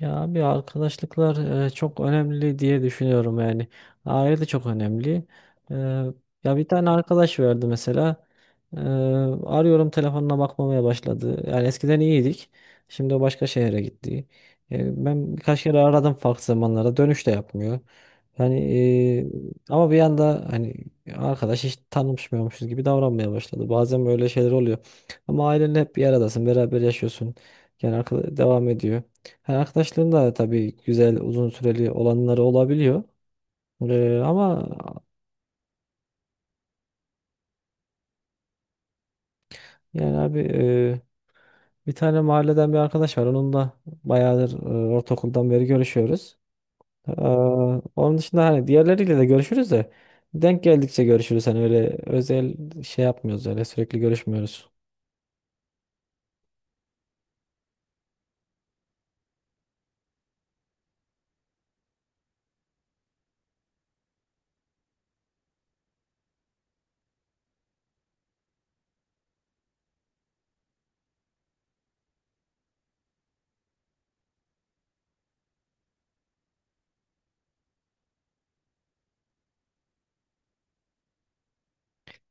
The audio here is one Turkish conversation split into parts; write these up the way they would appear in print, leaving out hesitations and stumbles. Ya abi arkadaşlıklar çok önemli diye düşünüyorum yani. Aile de çok önemli. E, Ya bir tane arkadaş verdi mesela. E, Arıyorum telefonuna bakmamaya başladı. Yani eskiden iyiydik. Şimdi o başka şehre gitti. Ben birkaç kere aradım farklı zamanlarda. Dönüş de yapmıyor. Yani ama bir anda hani arkadaş hiç tanışmıyormuşuz gibi davranmaya başladı. Bazen böyle şeyler oluyor. Ama ailenle hep bir aradasın, beraber yaşıyorsun. Yani arkadaş devam ediyor. Ha, arkadaşların da tabii güzel uzun süreli olanları olabiliyor. Ama yani abi bir tane mahalleden bir arkadaş var. Onunla bayağıdır ortaokuldan beri görüşüyoruz. Ee, Onun dışında hani diğerleriyle de görüşürüz de denk geldikçe görüşürüz. Hani öyle özel şey yapmıyoruz, öyle sürekli görüşmüyoruz.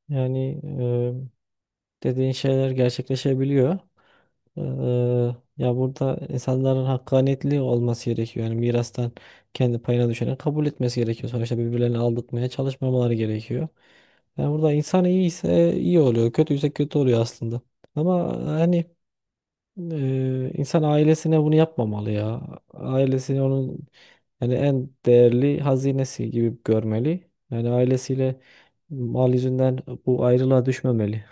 Yani dediğin şeyler gerçekleşebiliyor. Eee, Ya burada insanların hakkaniyetli olması gerekiyor. Yani mirastan kendi payına düşeni kabul etmesi gerekiyor. Sonuçta birbirlerini aldatmaya çalışmamaları gerekiyor. Yani burada insan iyiyse iyi oluyor, kötüyse kötü oluyor aslında. Ama hani insan ailesine bunu yapmamalı ya. Ailesini onun yani en değerli hazinesi gibi görmeli. Yani ailesiyle mal yüzünden bu ayrılığa düşmemeli.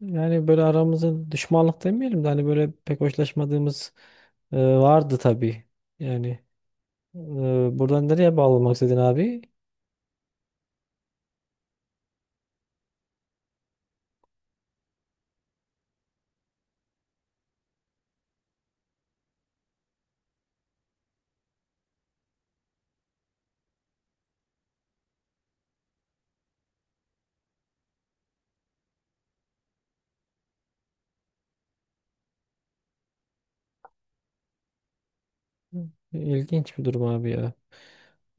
Yani böyle aramızda düşmanlık demeyelim de hani böyle pek hoşlaşmadığımız vardı tabii. Yani e, buradan nereye bağlamak istedin abi? İlginç bir durum abi ya.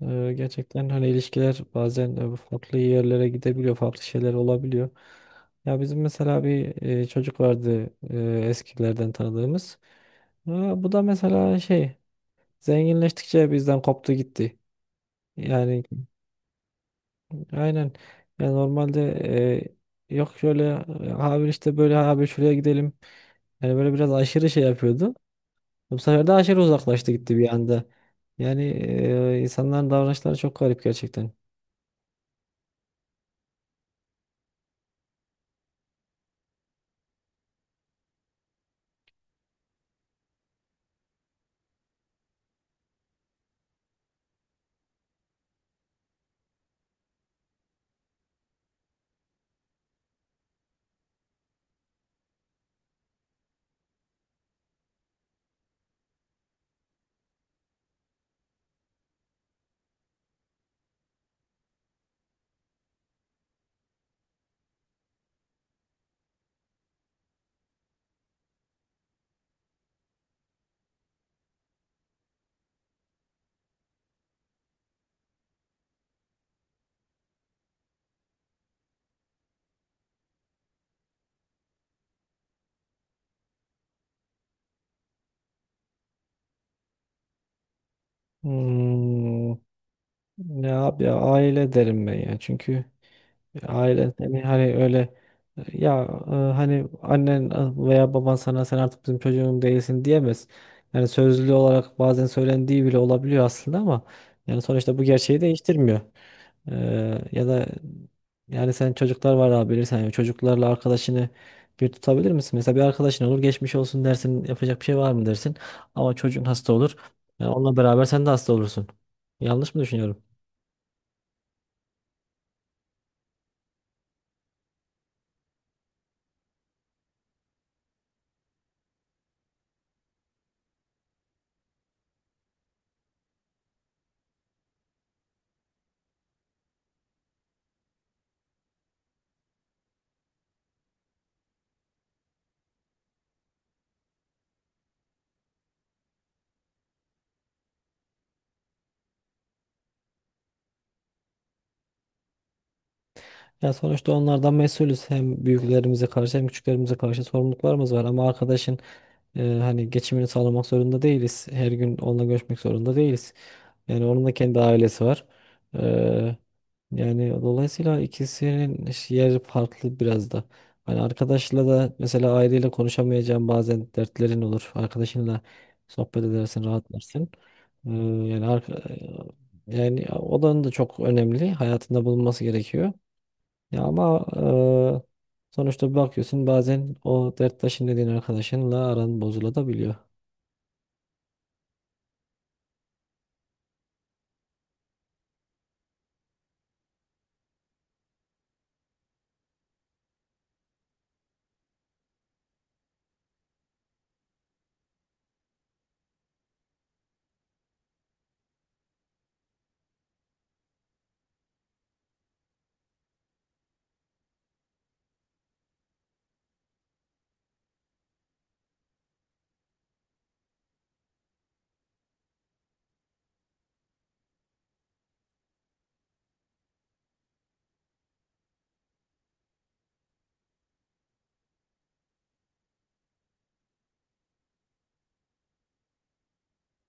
Gerçekten hani ilişkiler bazen farklı yerlere gidebiliyor, farklı şeyler olabiliyor. Ya bizim mesela bir çocuk vardı eskilerden tanıdığımız. Bu da mesela şey zenginleştikçe bizden koptu gitti. Yani. Aynen. Ya normalde yok şöyle abi işte böyle abi şuraya gidelim. Yani böyle biraz aşırı şey yapıyordu. Bu sefer de aşırı uzaklaştı, gitti bir anda. Yani insanların davranışları çok garip gerçekten. Hmm, Ne abi ya, aile derim ben ya. Çünkü aile seni hani öyle hani annen veya baban sana "sen artık bizim çocuğum değilsin" diyemez. Yani sözlü olarak bazen söylendiği bile olabiliyor aslında ama yani sonuçta bu gerçeği değiştirmiyor. Ya da yani sen, çocuklar var abi, bilirsen yani çocuklarla arkadaşını bir tutabilir misin? Mesela bir arkadaşın olur, geçmiş olsun dersin, yapacak bir şey var mı dersin, ama çocuğun hasta olur. Yani onunla beraber sen de hasta olursun. Yanlış mı düşünüyorum? Ya sonuçta onlardan mesulüz. Hem büyüklerimize karşı hem küçüklerimize karşı sorumluluklarımız var. Ama arkadaşın hani geçimini sağlamak zorunda değiliz. Her gün onunla görüşmek zorunda değiliz. Yani onun da kendi ailesi var. Eee, Yani dolayısıyla ikisinin yeri farklı biraz da. Hani arkadaşla da mesela aileyle konuşamayacağın bazen dertlerin olur. Arkadaşınla sohbet edersin, rahatlarsın. Eee, Yani yani o da çok önemli. Hayatında bulunması gerekiyor. Ya ama sonuçta bir bakıyorsun, bazen o derttaşın dediğin arkadaşınla aran bozulabiliyor.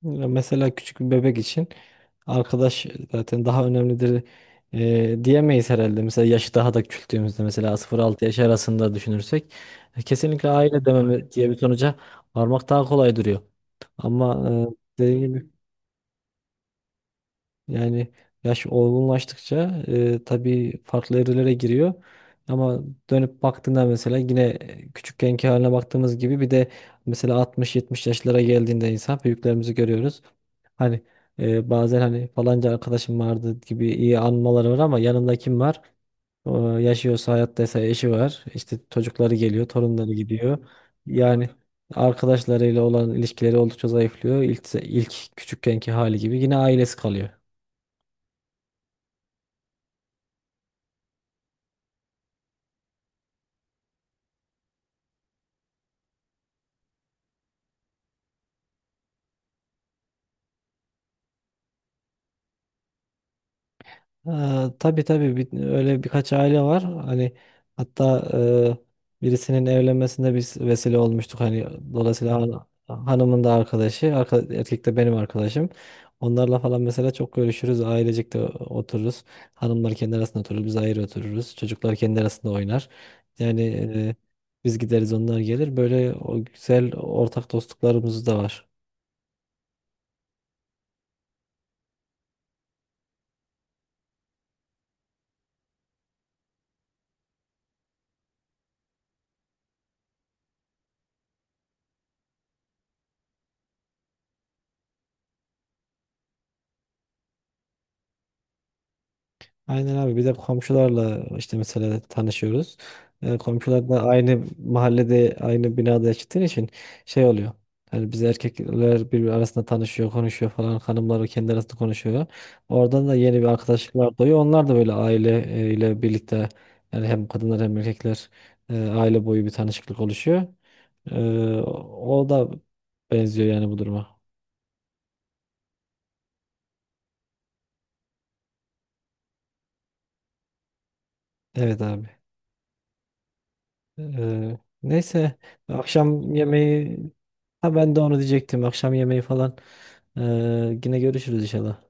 Ya mesela küçük bir bebek için arkadaş zaten daha önemlidir diyemeyiz herhalde. Mesela yaşı daha da küçülttüğümüzde, mesela 0-6 yaş arasında düşünürsek kesinlikle aile dememe diye bir sonuca varmak daha kolay duruyor. Ama dediğim gibi, yani yaş olgunlaştıkça tabii farklı evrelere giriyor. Ama dönüp baktığında, mesela yine küçükkenki haline baktığımız gibi, bir de mesela 60-70 yaşlara geldiğinde insan, büyüklerimizi görüyoruz. Hani bazen hani falanca arkadaşım vardı gibi iyi anmaları var, ama yanında kim var? O yaşıyorsa, hayattaysa, eşi var. İşte çocukları geliyor, torunları gidiyor. Yani arkadaşlarıyla olan ilişkileri oldukça zayıflıyor. İlk küçükkenki hali gibi yine ailesi kalıyor. Ee, tabii tabii, öyle birkaç aile var. Hani, hatta birisinin evlenmesinde biz vesile olmuştuk. Hani dolayısıyla hanımın da arkadaşı, erkek de benim arkadaşım. Onlarla falan mesela çok görüşürüz. Ailecek de otururuz. Hanımlar kendi arasında oturur, biz ayrı otururuz. Çocuklar kendi arasında oynar. Yani biz gideriz, onlar gelir. Böyle o güzel ortak dostluklarımız da var. Aynen abi, bir de komşularla işte mesela tanışıyoruz. Komşular da aynı mahallede aynı binada yaşadığın için şey oluyor. Hani biz erkekler birbiri arasında tanışıyor, konuşuyor falan. Hanımlar kendi arasında konuşuyor. Oradan da yeni bir arkadaşlıklar doğuyor. Onlar da böyle aile ile birlikte, yani hem kadınlar hem erkekler aile boyu bir tanışıklık oluşuyor. Ee, o da benziyor yani bu duruma. Evet abi. Ee, Neyse, akşam yemeği, ha ben de onu diyecektim. Akşam yemeği falan yine görüşürüz inşallah.